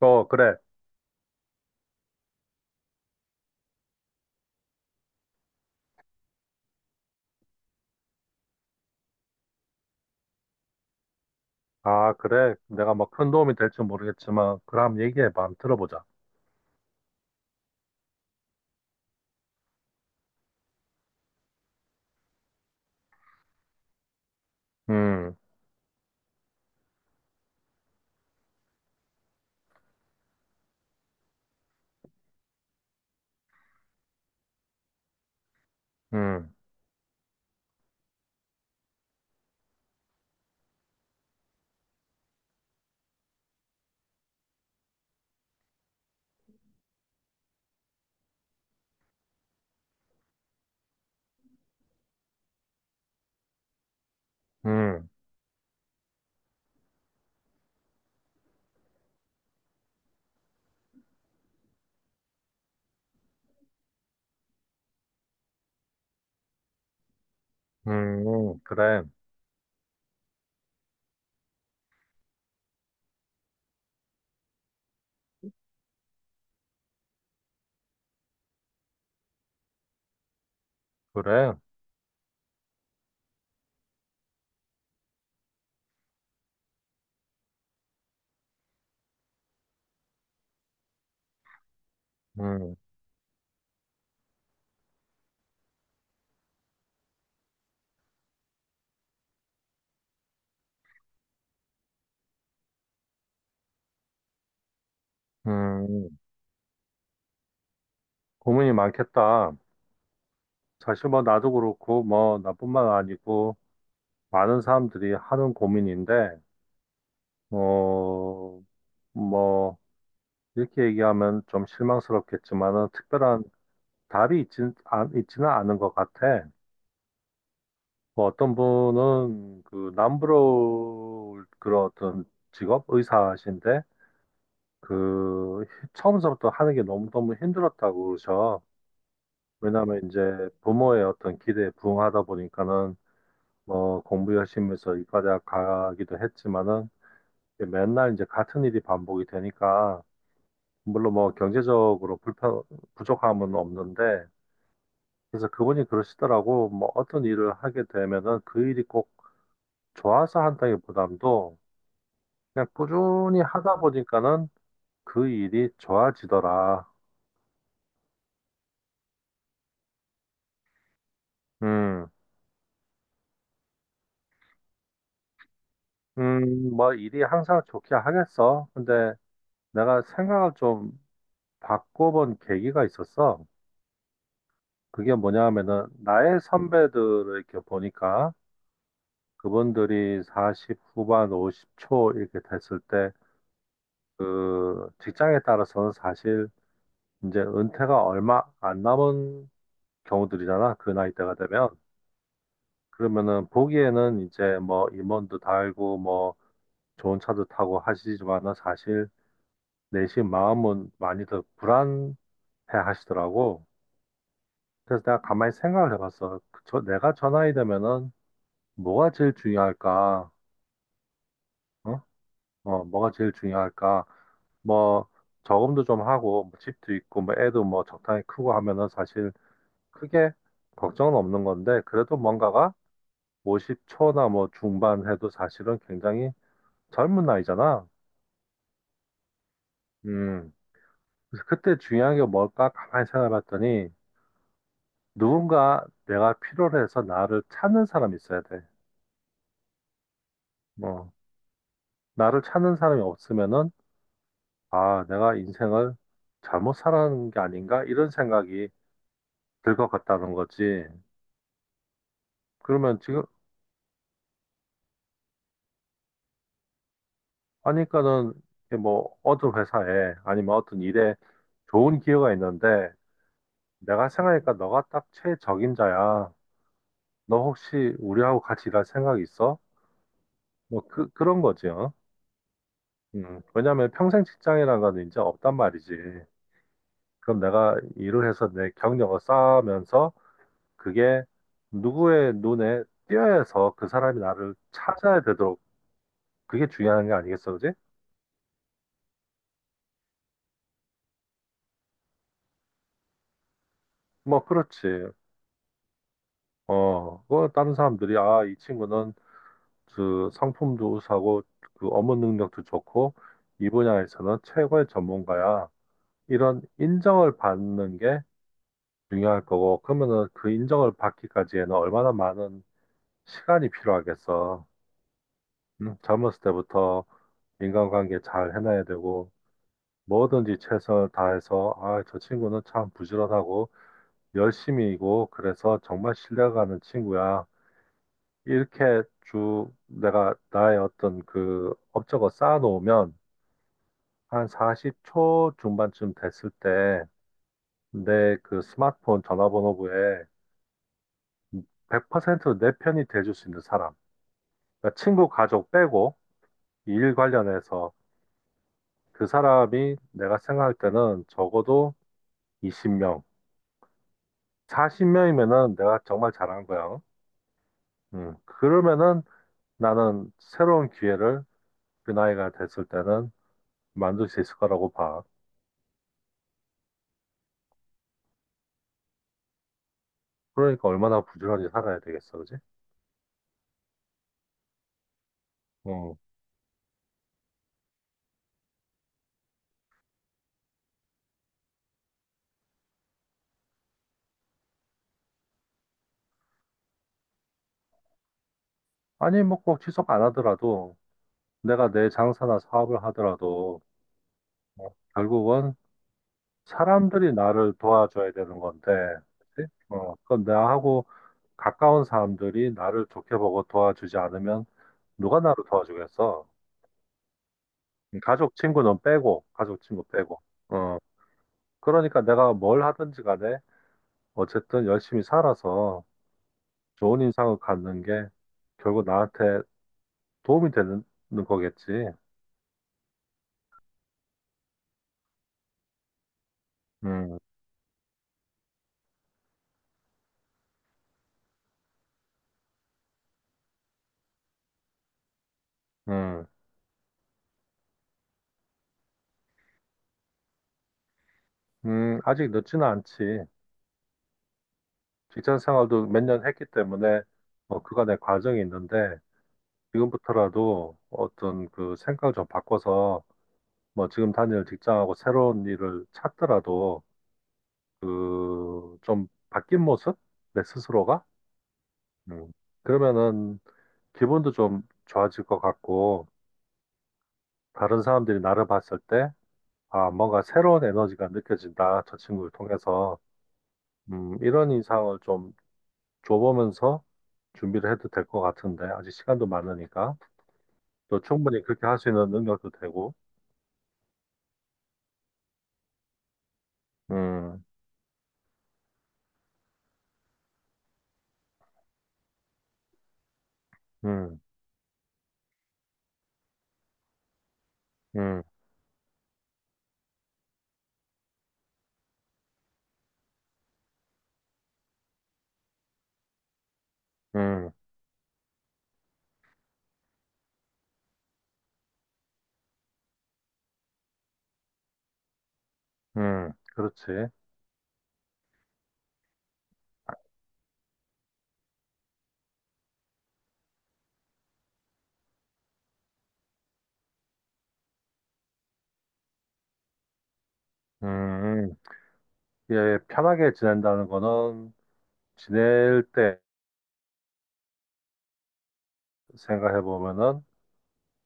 어, 그래. 아, 그래. 내가 막 큰 도움이 될지 모르겠지만, 그럼 얘기해봐. 한번 들어보자. 음, 음, 음, 그래, 그래. 음, 음. 고민이 많겠다. 사실 뭐 나도 그렇고, 뭐 나뿐만 아니고, 많은 사람들이 하는 고민인데, 어, 뭐, 이렇게 얘기하면 좀 실망스럽겠지만은, 특별한 답이 있지는 않은 것 같아. 뭐 어떤 분은 그 남부러울 그런 어떤 직업 의사신데 그 처음서부터 하는 게 너무너무 힘들었다고 그러셔. 왜냐면 이제 부모의 어떤 기대에 부응하다 보니까는 뭐 공부 열심히 해서 이과대학 가기도 했지만은 맨날 이제 같은 일이 반복이 되니까 물론 뭐 경제적으로 불편 부족함은 없는데 그래서 그분이 그러시더라고 뭐 어떤 일을 하게 되면은 그 일이 꼭 좋아서 한다기보담도 그냥 꾸준히 하다 보니까는 그 일이 좋아지더라. 음, 뭐 일이 항상 좋게 하겠어. 근데 내가 생각을 좀 바꿔본 계기가 있었어. 그게 뭐냐 하면은 나의 선배들을 이렇게 보니까 그분들이 40 후반 50초 이렇게 됐을 때 그 직장에 따라서는 사실 이제 은퇴가 얼마 안 남은 경우들이잖아. 그 나이대가 되면. 그러면은 보기에는 이제 뭐 임원도 달고 뭐 좋은 차도 타고 하시지만은 사실 내심 마음은 많이들 불안해 하시더라고. 그래서 내가 가만히 생각을 해봤어. 그 저, 내가 저 나이 되면은 뭐가 제일 중요할까? 어? 어, 뭐가 제일 중요할까? 뭐 저금도 좀 하고 뭐 집도 있고 뭐 애도 뭐 적당히 크고 하면은 사실 크게 걱정은 없는 건데 그래도 뭔가가 50초나 뭐 중반 해도 사실은 굉장히 젊은 나이잖아. 음, 그래서 그때 중요한 게 뭘까 가만히 생각해봤더니 누군가 내가 필요로 해서 나를 찾는 사람이 있어야 돼. 뭐 나를 찾는 사람이 없으면은 아 내가 인생을 잘못 살아가는 게 아닌가 이런 생각이 들 것 같다는 거지. 그러면 지금 하니까는 이게 뭐 어떤 회사에 아니면 어떤 일에 좋은 기회가 있는데 내가 생각하니까 너가 딱 최적임자야. 너 혹시 우리하고 같이 일할 생각 있어? 뭐 그런 거지. 어? 왜냐면 평생 직장이라는 건 이제 없단 말이지. 그럼 내가 일을 해서 내 경력을 쌓으면서 그게 누구의 눈에 띄어서 그 사람이 나를 찾아야 되도록 그게 중요한 게 아니겠어, 그지? 뭐, 그렇지. 어, 그 다른 사람들이, 아, 이 친구는 그 상품도 우수하고 그 업무 능력도 좋고 이 분야에서는 최고의 전문가야. 이런 인정을 받는 게 중요할 거고, 그러면은 그 인정을 받기까지에는 얼마나 많은 시간이 필요하겠어. 응? 젊었을 때부터 인간관계 잘 해놔야 되고, 뭐든지 최선을 다해서, 아, 저 친구는 참 부지런하고, 열심히이고, 그래서 정말 신뢰가는 친구야. 이렇게 쭉 내가 나의 어떤 그 업적을 쌓아놓으면, 한 40초 중반쯤 됐을 때, 내 그 스마트폰 전화번호부에 100%내 편이 돼줄 수 있는 사람. 그러니까 친구, 가족 빼고, 일 관련해서 그 사람이 내가 생각할 때는 적어도 20명, 40명이면은 내가 정말 잘한 거야. 그러면은 나는 새로운 기회를 그 나이가 됐을 때는 만들 수 있을 거라고 봐. 그러니까 얼마나 부지런히 살아야 되겠어, 그지? 어. 아니, 뭐 꼭 취소 안 하더라도 내가 내 장사나 사업을 하더라도 어, 결국은 사람들이 나를 도와줘야 되는 건데, 그치? 어, 그건 나하고 가까운 사람들이 나를 좋게 보고 도와주지 않으면 누가 나를 도와주겠어? 가족, 친구는 빼고, 가족, 친구 빼고. 어, 그러니까 내가 뭘 하든지 간에 어쨌든 열심히 살아서 좋은 인상을 갖는 게 결국 나한테 도움이 되는 거겠지. 음, 음, 아직 늦지는 않지. 직장 생활도 몇 년 했기 때문에 뭐 그간의 과정이 있는데 지금부터라도 어떤 그 생각을 좀 바꿔서 뭐 지금 다니는 직장하고 새로운 일을 찾더라도 그 좀 바뀐 모습? 내 스스로가? 음. 그러면은 기분도 좀 좋아질 것 같고 다른 사람들이 나를 봤을 때 아, 뭔가 새로운 에너지가 느껴진다. 저 친구를 통해서 이런 인상을 좀 줘보면서 준비를 해도 될 것 같은데 아직 시간도 많으니까 또 충분히 그렇게 할 수 있는 능력도 되고 음, 음, 음, 음, 그렇지. 음, 음. 예, 편하게 지낸다는 거는 지낼 때 생각해 보면은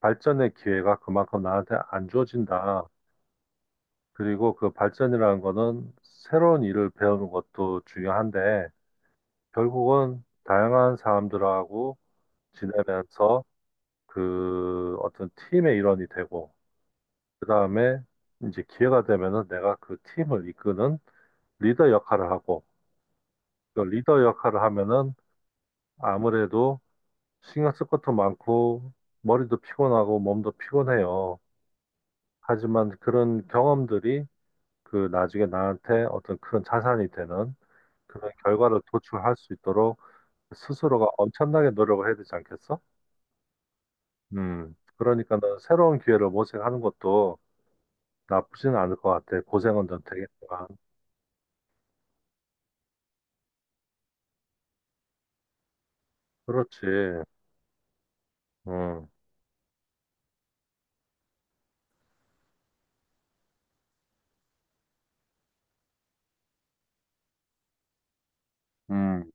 발전의 기회가 그만큼 나한테 안 주어진다. 그리고 그 발전이라는 거는 새로운 일을 배우는 것도 중요한데 결국은 다양한 사람들하고 지내면서 그 어떤 팀의 일원이 되고 그다음에 이제 기회가 되면은 내가 그 팀을 이끄는 리더 역할을 하고 그 리더 역할을 하면은 아무래도 신경 쓸 것도 많고, 머리도 피곤하고, 몸도 피곤해요. 하지만 그런 경험들이 그 나중에 나한테 어떤 큰 자산이 되는 그런 결과를 도출할 수 있도록 스스로가 엄청나게 노력을 해야 되지 않겠어? 그러니까는 새로운 기회를 모색하는 것도 나쁘지는 않을 것 같아. 고생은 좀 되겠지만. 그렇지. 음, 음.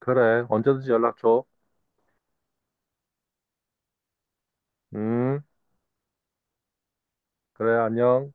그래. 언제든지 연락 줘. 음, 그래. 안녕.